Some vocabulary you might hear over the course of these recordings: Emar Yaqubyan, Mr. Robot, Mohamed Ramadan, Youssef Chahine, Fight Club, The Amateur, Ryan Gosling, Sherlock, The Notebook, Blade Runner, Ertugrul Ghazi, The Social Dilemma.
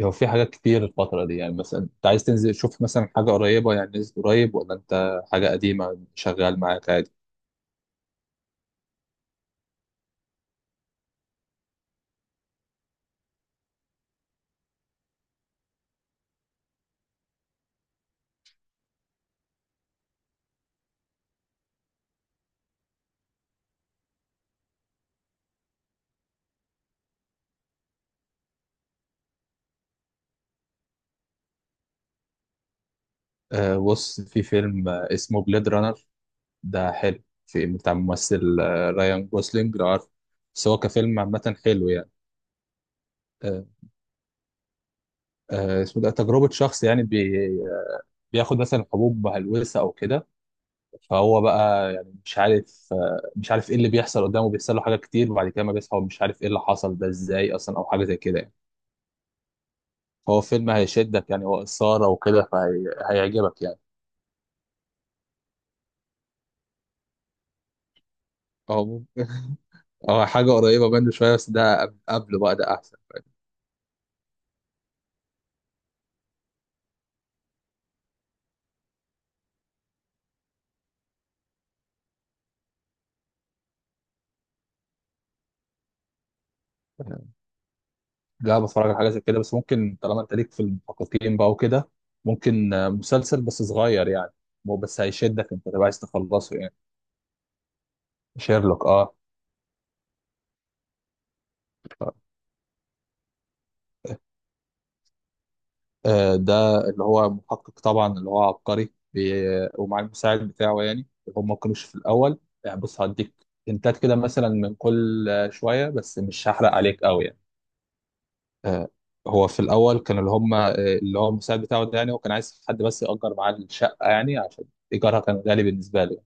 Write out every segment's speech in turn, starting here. هو في حاجات كتير الفترة دي، يعني مثلا انت عايز تنزل تشوف مثلا حاجة قريبة؟ يعني نزل قريب، ولا انت حاجة قديمة شغال معاك عادي؟ أه، بص في فيلم اسمه بليد رانر. ده حلو، في بتاع ممثل رايان جوسلينج، لو عارف. بس هو كفيلم عامة حلو يعني. أه، اسمه ده تجربة شخص يعني بياخد مثلا حبوب مهلوسة أو كده. فهو بقى يعني مش عارف ايه اللي بيحصل قدامه، بيحصل له حاجات كتير، وبعد كده ما بيصحى ومش عارف ايه اللي حصل ده ازاي أصلا، أو حاجة زي كده يعني. هو فيلم هيشدك يعني، وإثارة وكده، فهيعجبك يعني. هو ممكن، هو حاجة قريبة منه شوية، بس ده قبله بقى ده أحسن. لا، بتفرج على حاجة زي كده، بس ممكن طالما أنت ليك في المحققين بقى وكده، ممكن مسلسل بس صغير يعني. بس هيشدك أنت، تبقى عايز تخلصه يعني. شيرلوك، أه. آه، ده اللي هو محقق طبعا، اللي هو عبقري ومع المساعد بتاعه يعني. هم ما كانوش في الأول يعني. بص، هديك هنتات كده مثلا من كل شوية، بس مش هحرق عليك قوي يعني. آه، هو في الاول كان اللي هم، اللي هو المساعد بتاعه ده، يعني هو كان عايز حد بس يأجر معاه الشقه، يعني عشان ايجارها كان غالي بالنسبه له.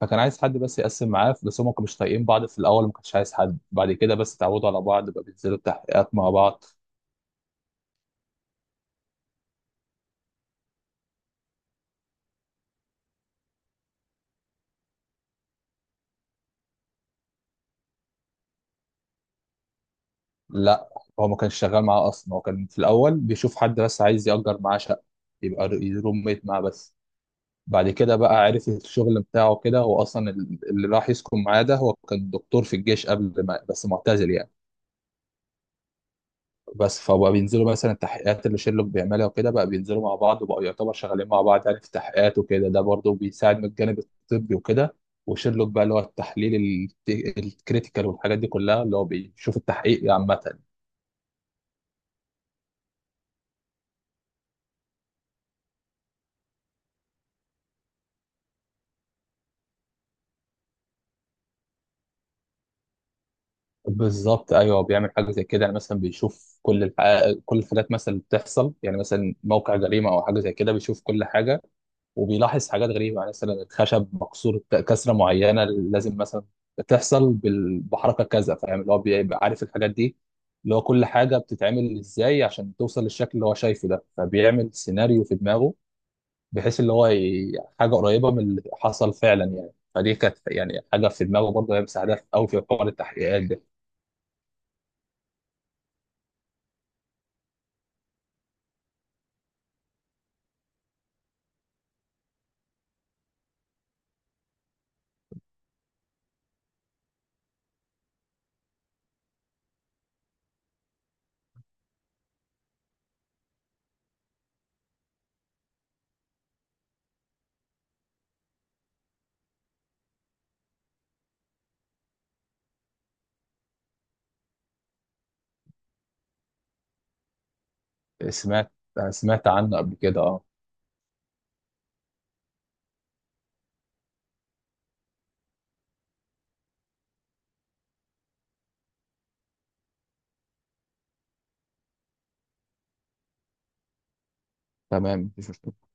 فكان عايز حد بس يقسم معاه، بس هم ما كانوش طايقين بعض في الاول. ما كانش عايز حد، بعد كده بس اتعودوا على بعض بقى، بينزلوا التحقيقات مع بعض. لا، هو ما كانش شغال معاه اصلا. هو كان في الاول بيشوف حد بس عايز يأجر معاه شقه، يبقى روم ميت معاه بس. بعد كده بقى عرف الشغل بتاعه كده هو اصلا. اللي راح يسكن معاه ده هو كان دكتور في الجيش قبل، ما بس معتزل يعني. بس فبقى بينزلوا مثلا التحقيقات اللي شيرلوك بيعملها وكده، بقى بينزلوا مع بعض وبقوا يعتبر شغالين مع بعض يعني في التحقيقات وكده. ده برضه بيساعد من الجانب الطبي وكده، وشيرلوك بقى اللي هو التحليل، الكريتيكال والحاجات دي كلها، اللي هو بيشوف التحقيق عامة. بالظبط، ايوه، بيعمل حاجه زي كده يعني. مثلا بيشوف كل الحقائق، كل الحاجات مثلا اللي بتحصل، يعني مثلا موقع جريمه او حاجه زي كده، بيشوف كل حاجه. وبيلاحظ حاجات غريبه، يعني مثلا الخشب مكسور كسره معينه، لازم مثلا تحصل بحركه كذا، فاهم؟ اللي هو بيبقى عارف الحاجات دي، اللي هو كل حاجه بتتعمل ازاي عشان توصل للشكل اللي هو شايفه ده. فبيعمل سيناريو في دماغه، بحيث حاجه قريبه من اللي حصل فعلا يعني. فدي كانت يعني حاجه في دماغه، برضه هي مساعدة قوي في حوار التحقيقات ده. سمعت، سمعت عنه قبل كده، اه. تمام، مفيش مشكله.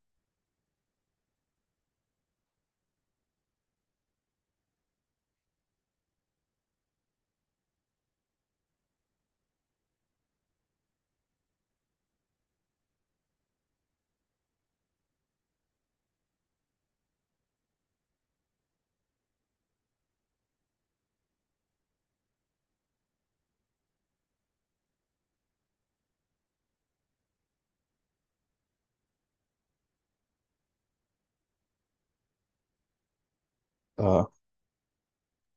آه،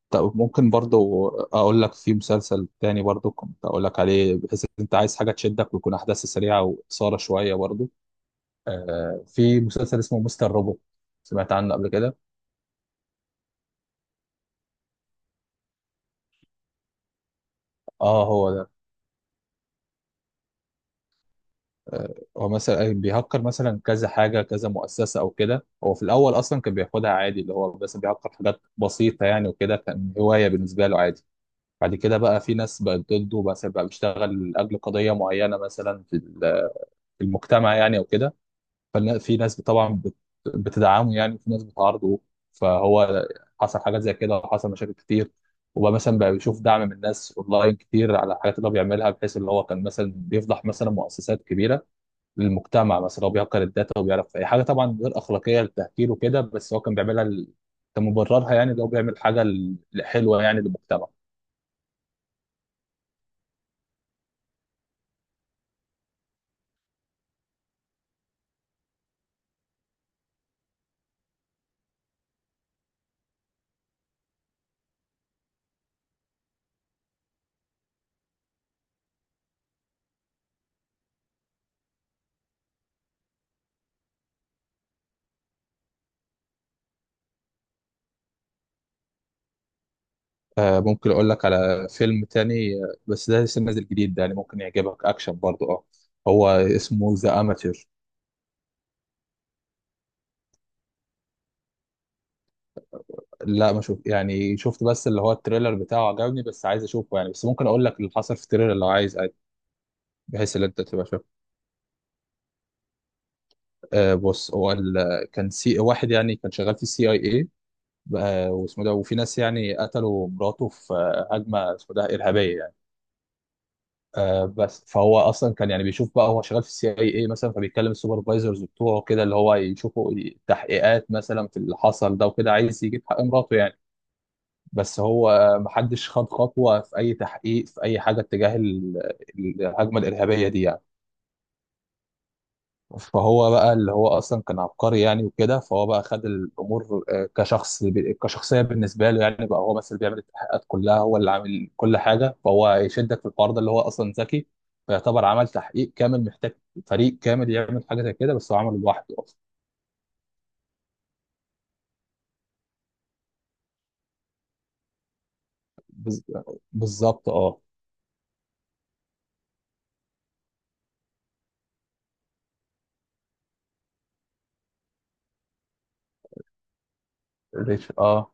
طب ممكن برضو اقول لك في مسلسل تاني برضو، كنت اقول لك عليه، بحيث ان انت عايز حاجه تشدك، ويكون احداث سريعه واثاره شويه برضو. آه، في مسلسل اسمه مستر روبوت، سمعت عنه قبل كده؟ اه، هو ده. آه، هو مثلا بيهكر مثلا كذا حاجه، كذا مؤسسه او كده. هو في الاول اصلا كان بياخدها عادي، اللي هو بس بيهكر حاجات بسيطه يعني، وكده كان هوايه بالنسبه له عادي. بعد كده بقى في ناس بقت ضده، بس بقى بيشتغل لاجل قضيه معينه مثلا في المجتمع يعني او كده. ففي ناس طبعا بتدعمه يعني، وفي ناس بتعارضه. فهو حصل حاجات زي كده وحصل مشاكل كتير. وبقى مثلا بقى بيشوف دعم من الناس اونلاين كتير على الحاجات اللي هو بيعملها، بحيث اللي هو كان مثلا بيفضح مثلا مؤسسات كبيره للمجتمع. مثلا هو بيهكر الداتا وبيعرف اي حاجه، طبعا غير اخلاقيه للتهكير وكده، بس هو كان بيعملها كان مبررها يعني، اللي هو بيعمل حاجه حلوه يعني للمجتمع. آه، ممكن اقول لك على فيلم تاني بس ده لسه نازل جديد ده يعني، ممكن يعجبك اكشن برضه، اه. هو اسمه ذا اماتير. لا، ما شوف يعني، شفت بس اللي هو التريلر بتاعه عجبني، بس عايز اشوفه يعني. بس ممكن اقول لك اللي حصل في التريلر لو عايز عادي، بحيث ان انت تبقى شايف. آه بص هو كان سي واحد يعني، كان شغال في السي اي اي. واسمه ده، وفي ناس يعني قتلوا مراته في هجمه اسمه ده ارهابيه يعني. آه، بس فهو اصلا كان يعني بيشوف بقى، هو شغال في السي اي اي مثلا، فبيتكلم السوبرفايزرز بتوعه كده، اللي هو يشوفوا تحقيقات مثلا في اللي حصل ده وكده، عايز يجيب حق مراته يعني. بس هو محدش خد خطوة في أي تحقيق، في أي حاجة اتجاه الهجمة الإرهابية دي يعني. فهو بقى اللي هو أصلا كان عبقري يعني وكده، فهو بقى خد الأمور آه، كشخص كشخصية بالنسبة له يعني. بقى هو بس اللي بيعمل التحقيقات كلها، هو اللي عامل كل حاجة. فهو يشدك في الحوار ده اللي هو أصلا ذكي. فيعتبر عمل تحقيق كامل محتاج فريق كامل يعمل حاجة زي كده، بس هو عمله لوحده أصلا. بز- بالظبط، اه. ريتش، اه.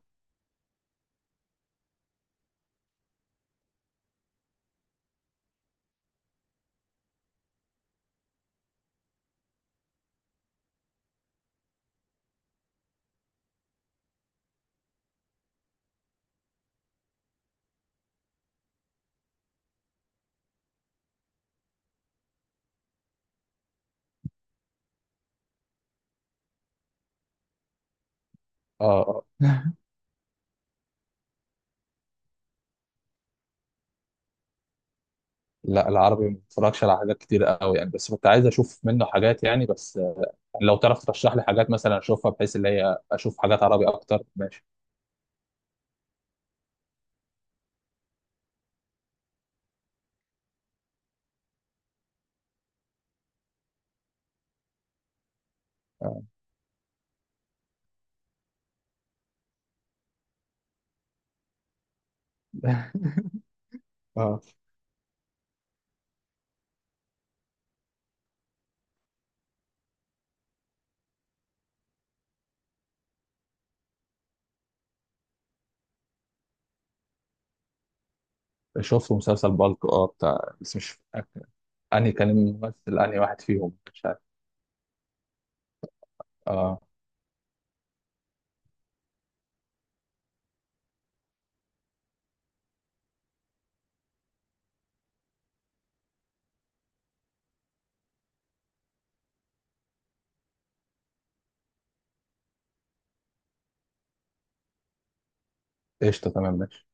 اه، آه. لا، العربي ما بتفرجش على حاجات كتير قوي يعني، بس كنت عايز اشوف منه حاجات يعني. بس آه، لو تعرف ترشح لي حاجات مثلا اشوفها، بحيث اللي هي اشوف حاجات عربي اكتر، ماشي. آه. اه، شفت مسلسل بالك، اه، بتاع، بس مش فاكر انهي كان الممثل، انهي واحد فيهم، مش عارف. اه، قشطه، تمام، ماشي.